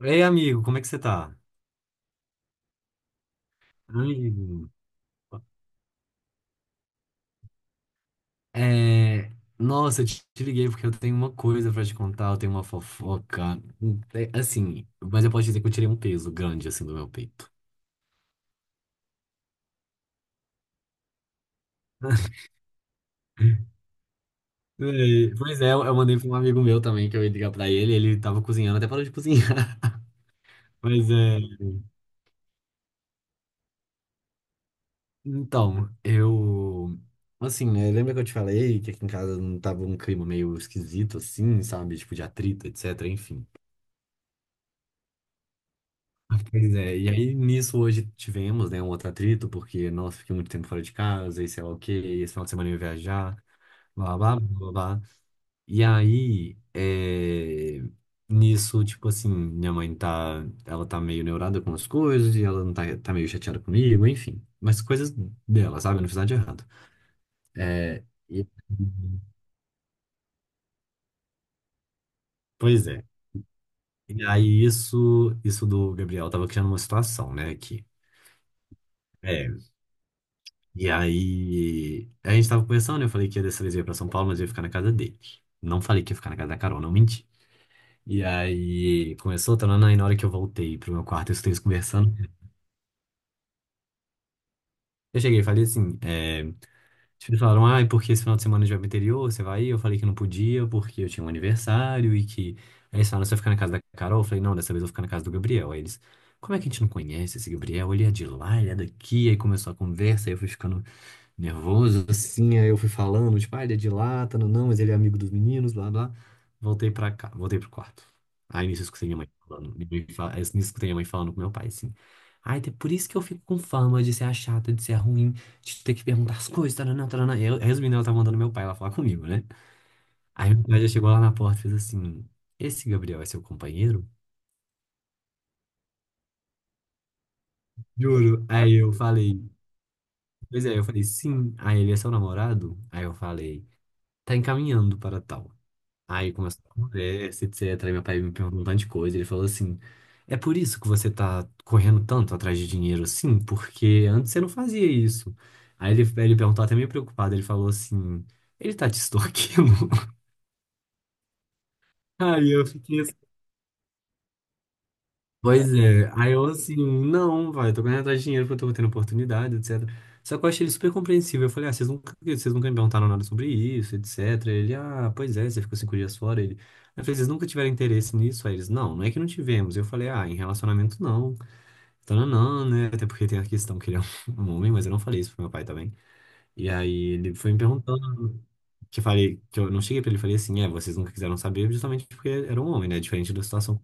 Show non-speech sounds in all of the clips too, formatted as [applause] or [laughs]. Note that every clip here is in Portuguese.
Ei, amigo, como é que você tá? Amigo, é... nossa, eu te liguei porque eu tenho uma coisa pra te contar, eu tenho uma fofoca. É, assim, mas eu posso dizer que eu tirei um peso grande, assim, do meu peito. [laughs] É, pois é, eu mandei pra um amigo meu também que eu ia ligar pra ele, ele tava cozinhando, até parou de cozinhar. [laughs] Mas é. Então, eu. Assim, né? Lembra que eu te falei que aqui em casa não tava um clima meio esquisito, assim, sabe? Tipo, de atrito, etc. Enfim. Pois é, e aí nisso hoje tivemos, né, um outro atrito, porque, nossa, fiquei muito tempo fora de casa, e sei lá o quê, e esse final de semana eu ia viajar, blá, blá, blá, blá, blá. E aí, nisso, tipo assim, minha mãe tá, ela tá meio neurada com as coisas, e ela não tá meio chateada comigo, enfim. Mas coisas dela, sabe? Eu não fiz nada de errado. É, e- pois é. E aí isso do Gabriel tava criando uma situação, né, aqui. E aí, a gente tava conversando, eu falei que ia dessa vez eu ia pra São Paulo, mas eu ia ficar na casa dele. Não falei que ia ficar na casa da Carol, não menti. E aí, começou, tanana, e na hora que eu voltei pro meu quarto, eu escutei eles conversando. Eu cheguei e falei assim, é, tipo, eles falaram, ah, e porque esse final de semana a gente vai pro interior, você vai ir? Eu falei que não podia, porque eu tinha um aniversário aí eles falaram, você vai ficar na casa da Carol? Eu falei, não, dessa vez eu vou ficar na casa do Gabriel. Aí eles, como é que a gente não conhece esse Gabriel? Ele é de lá, ele é daqui. Aí começou a conversa, aí eu fui ficando nervoso, assim, aí eu fui falando, tipo, ah, ele é de lá, tá, não, não, mas ele é amigo dos meninos, blá, blá. Voltei pra cá, voltei pro quarto. Aí nisso eu escutei minha mãe falando, aí nisso eu escutei minha mãe falando com meu pai, assim. Ai, é por isso que eu fico com fama de ser a chata, de ser a ruim, de ter que perguntar as coisas, taranã, taranã. Eu, resumindo, ela tava mandando meu pai lá falar comigo, né? Aí meu pai já chegou lá na porta e fez assim, esse Gabriel é seu companheiro? Juro. Aí eu falei, pois é, eu falei, sim. Aí ele é seu namorado? Aí eu falei, tá encaminhando para tal. Aí começou a conversa, etc. Aí meu pai me perguntou um tanto de coisa. Ele falou assim: é por isso que você tá correndo tanto atrás de dinheiro assim? Porque antes você não fazia isso. Aí ele perguntou até meio preocupado. Ele falou assim: ele tá te extorquindo? [laughs] Aí eu fiquei. Pois é, aí eu, assim, não, vai, eu tô correndo atrás de dinheiro porque eu tô tendo oportunidade, etc. Só que eu achei ele super compreensível. Eu falei, ah, vocês nunca me perguntaram nada sobre isso, etc. Ele, ah, pois é, você ficou 5 dias fora. Ele, eu falei, vocês nunca tiveram interesse nisso? Aí eles, não, não é que não tivemos. Eu falei, ah, em relacionamento não. Então, não, não, né? Até porque tem a questão que ele é um [laughs] um homem, mas eu não falei isso pro meu pai também. E aí ele foi me perguntando, que eu falei, que eu não cheguei pra ele, e falei assim, é, vocês nunca quiseram saber justamente porque era um homem, né? Diferente da situação.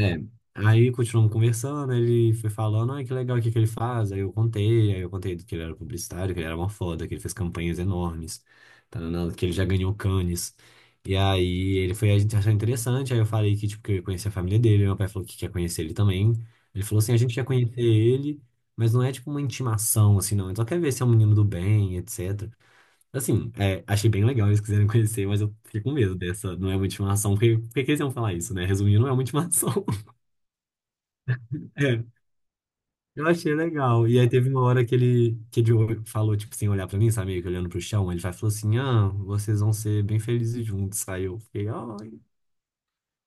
É, aí continuamos conversando, ele foi falando, ah, que legal, o que que ele faz? Aí eu contei que ele era publicitário, que ele era uma foda, que ele fez campanhas enormes, tananã, que ele já ganhou Cannes. E aí ele foi, a gente achou interessante, aí eu falei que, tipo, que eu ia conhecer a família dele, meu pai falou que quer conhecer ele também. Ele falou assim, a gente quer conhecer ele, mas não é, tipo, uma intimação, assim, não, ele só quer ver se é um menino do bem, etc. Assim, é, achei bem legal eles quiserem [laughs] conhecer, mas eu fiquei com medo dessa, não é uma intimação, porque por que que eles iam falar isso, né? Resumindo, não é uma intimação. É, eu achei legal. E aí teve uma hora que ele falou, tipo, sem olhar pra mim, sabe? Meio que olhando pro chão. Ele falou assim, ah, vocês vão ser bem felizes juntos. Aí eu fiquei, ai.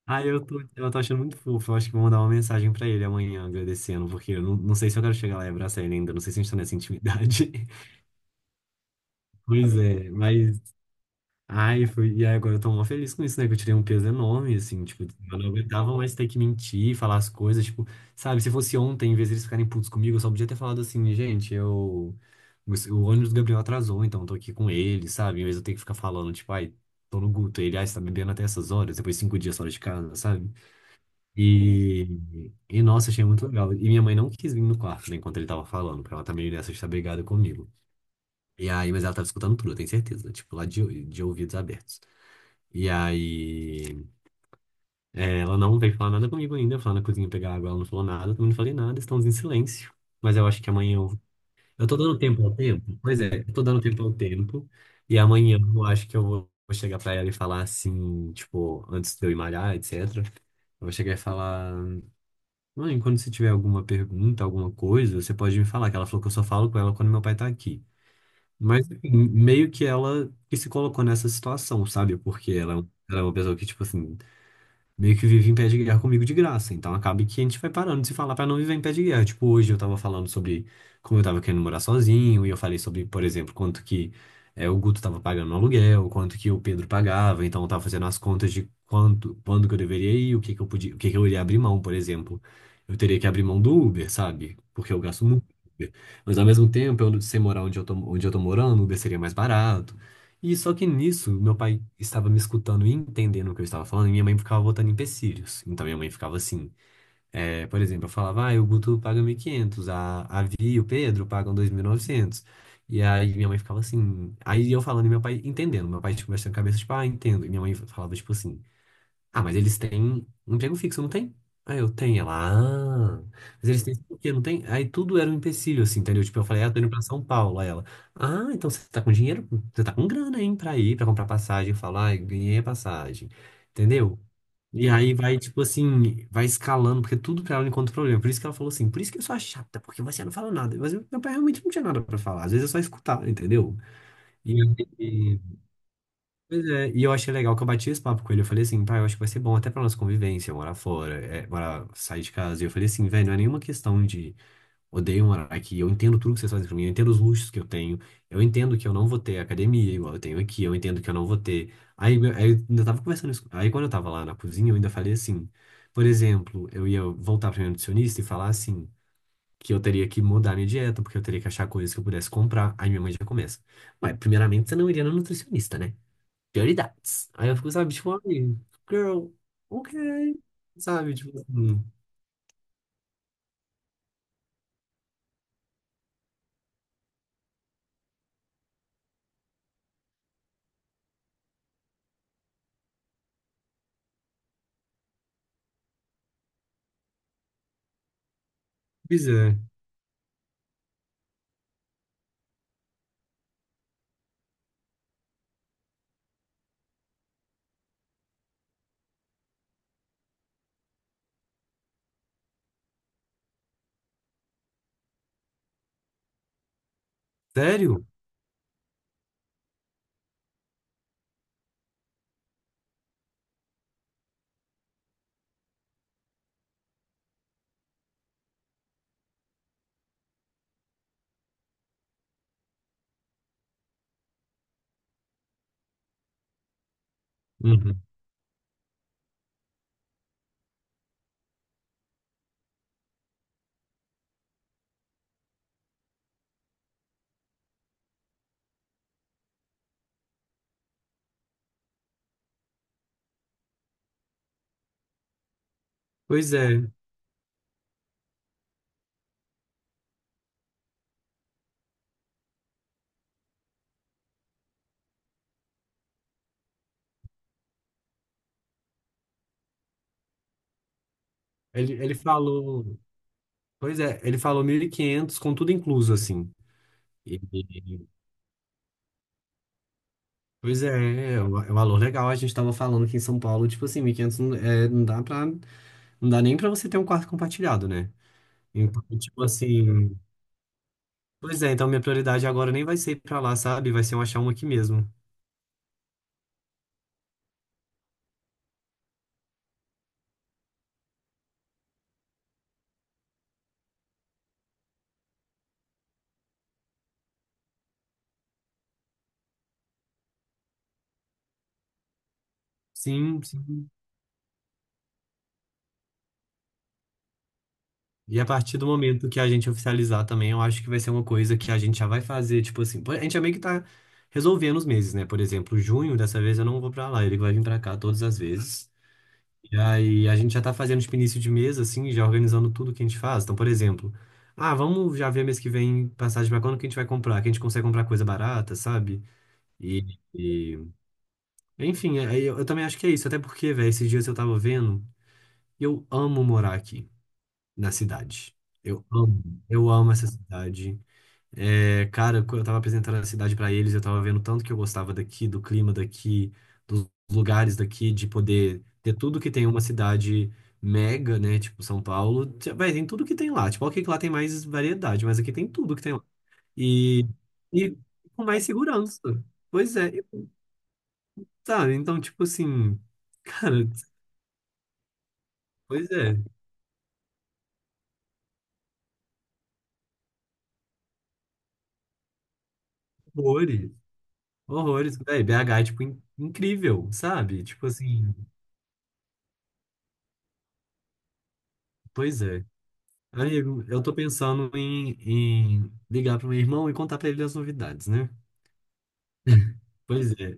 Aí eu tô achando muito fofo. Eu acho que vou mandar uma mensagem pra ele amanhã, agradecendo. Porque eu não sei se eu quero chegar lá e abraçar ele ainda. Não sei se a gente tá nessa intimidade. [laughs] Pois é, mas ai, foi... E aí agora eu tô mó feliz com isso, né? Que eu tirei um peso enorme, assim, tipo, eu não aguentava mais ter que mentir, falar as coisas, tipo, sabe, se fosse ontem, em vez de eles ficarem putos comigo, eu só podia ter falado assim, gente, eu. O ônibus do Gabriel atrasou, então eu tô aqui com ele, sabe? Em vez de eu ter que ficar falando, tipo, ai, tô no Guto, ele, ai, você tá bebendo até essas horas, depois 5 dias fora de casa, sabe? E. E nossa, achei muito legal. E minha mãe não quis vir no quarto, né, enquanto ele tava falando, porque ela tá meio nessa de estar brigada comigo. E aí, mas ela tava escutando tudo, eu tenho certeza, tipo, lá de ouvidos abertos. E aí, é, ela não veio falar nada comigo ainda. Eu fui lá na cozinha pegar água, ela não falou nada, eu também não falei nada, estamos em silêncio. Mas eu acho que amanhã eu. Eu tô dando tempo ao tempo? Pois é, eu tô dando tempo ao tempo. E amanhã eu acho que eu vou chegar pra ela e falar assim, tipo, antes de eu ir malhar, etc. Eu vou chegar e falar: mãe, quando você tiver alguma pergunta, alguma coisa, você pode me falar, que ela falou que eu só falo com ela quando meu pai tá aqui. Mas, enfim, meio que ela que se colocou nessa situação, sabe? Porque ela é uma pessoa que, tipo assim, meio que vive em pé de guerra comigo de graça. Então acaba que a gente vai parando de se falar pra não viver em pé de guerra. Tipo, hoje eu tava falando sobre como eu tava querendo morar sozinho, e eu falei sobre, por exemplo, quanto que é, o Guto tava pagando no aluguel, quanto que o Pedro pagava, então eu tava fazendo as contas de quanto, quando que eu deveria ir, o que que eu podia, o que que eu iria abrir mão, por exemplo. Eu teria que abrir mão do Uber, sabe? Porque eu gasto muito, com Uber. Mas ao mesmo tempo, eu, sem morar onde eu tô morando, o Uber seria mais barato. E só que nisso, meu pai estava me escutando e entendendo o que eu estava falando, e minha mãe ficava botando empecilhos. Então minha mãe ficava assim, por exemplo, eu falava, ah, o Guto paga 1.500, a Vi e o Pedro pagam 2.900. E aí minha mãe ficava assim, aí eu falando e meu pai entendendo, meu pai tipo, mexendo a cabeça, tipo, ah, entendo. E minha mãe falava tipo assim, ah, mas eles têm um emprego fixo, não tem? Ah, eu tenho. Ela, ah. Mas eles têm o quê? Não tem? Aí tudo era um empecilho, assim, entendeu? Tipo, eu falei, ah, tô indo pra São Paulo. Aí ela, ah, então você tá com dinheiro? Você tá com grana, hein, pra ir, pra comprar passagem. Eu falo, ah, eu ganhei a passagem. Entendeu? E aí vai, tipo assim, vai escalando, porque tudo pra ela encontra problema. Por isso que ela falou assim, por isso que eu sou a chata, porque você não fala nada. Mas eu- meu pai realmente não tinha nada pra falar. Às vezes é só escutar, entendeu? E, Pois é, e eu achei legal que eu bati esse papo com ele. Eu falei assim, pai, eu acho que vai ser bom até pra nossa convivência, morar fora, é, morar, sair de casa. E eu falei assim, velho, não é nenhuma questão de odeio morar aqui, eu entendo tudo que vocês fazem pra mim, eu entendo os luxos que eu tenho, eu entendo que eu não vou ter academia igual eu tenho aqui, eu entendo que eu não vou ter. Aí, meu- aí eu ainda tava conversando isso. Aí quando eu tava lá na cozinha, eu ainda falei assim, por exemplo, eu ia voltar pra minha nutricionista e falar assim, que eu teria que mudar minha dieta, porque eu teria que achar coisas que eu pudesse comprar. Aí minha mãe já começa. Mas, primeiramente, você não iria na nutricionista, né? Dirty Dots. Aí eu fico, sabe, tipo, ai, girl, ok. Sabe, tipo, assim, pois é. Sério? Uhum. Pois é. Ele falou, pois é, ele falou 1.500 com tudo incluso, assim. E- e- pois é, é um valor legal. A gente tava falando aqui em São Paulo, tipo assim, 1.500 não, é, não dá pra, não dá nem pra você ter um quarto compartilhado, né? Então, tipo assim, pois é, então minha prioridade agora nem vai ser ir pra lá, sabe? Vai ser eu achar um aqui mesmo. Sim, sim. E a partir do momento que a gente oficializar também, eu acho que vai ser uma coisa que a gente já vai fazer, tipo assim, pô, a gente já meio que tá resolvendo os meses, né? Por exemplo, junho, dessa vez eu não vou pra lá, ele vai vir pra cá todas as vezes. E aí a gente já tá fazendo tipo início de mês, assim, já organizando tudo que a gente faz. Então, por exemplo, ah, vamos já ver mês que vem passagem pra quando que a gente vai comprar, que a gente consegue comprar coisa barata, sabe? E, e- enfim, aí eu também acho que é isso, até porque, velho, esses dias eu tava vendo, eu amo morar aqui na cidade. Eu amo essa cidade. É, cara, quando eu tava apresentando a cidade pra eles, eu tava vendo tanto que eu gostava daqui, do clima daqui, dos lugares daqui, de poder ter tudo que tem uma cidade mega, né? Tipo São Paulo, vai, tem tudo que tem lá. Tipo, ok, que lá tem mais variedade, mas aqui tem tudo que tem lá. E, e com mais segurança. Pois é, e, sabe? Então, tipo assim, [laughs] cara, pois é, horrores. Horrores, velho. BH é, tipo, incrível, sabe? Tipo assim, pois é. Amigo, eu tô pensando em, ligar pro meu irmão e contar pra ele as novidades, né? Pois é.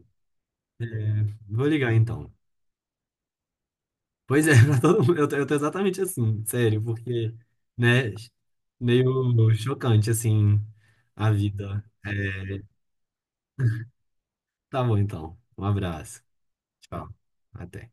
É, vou ligar então. Pois é, [laughs] pra todo mundo. Eu tô exatamente assim, sério, porque, né? Meio chocante, assim, a vida. É, tá bom, então. Um abraço. Tchau. Até.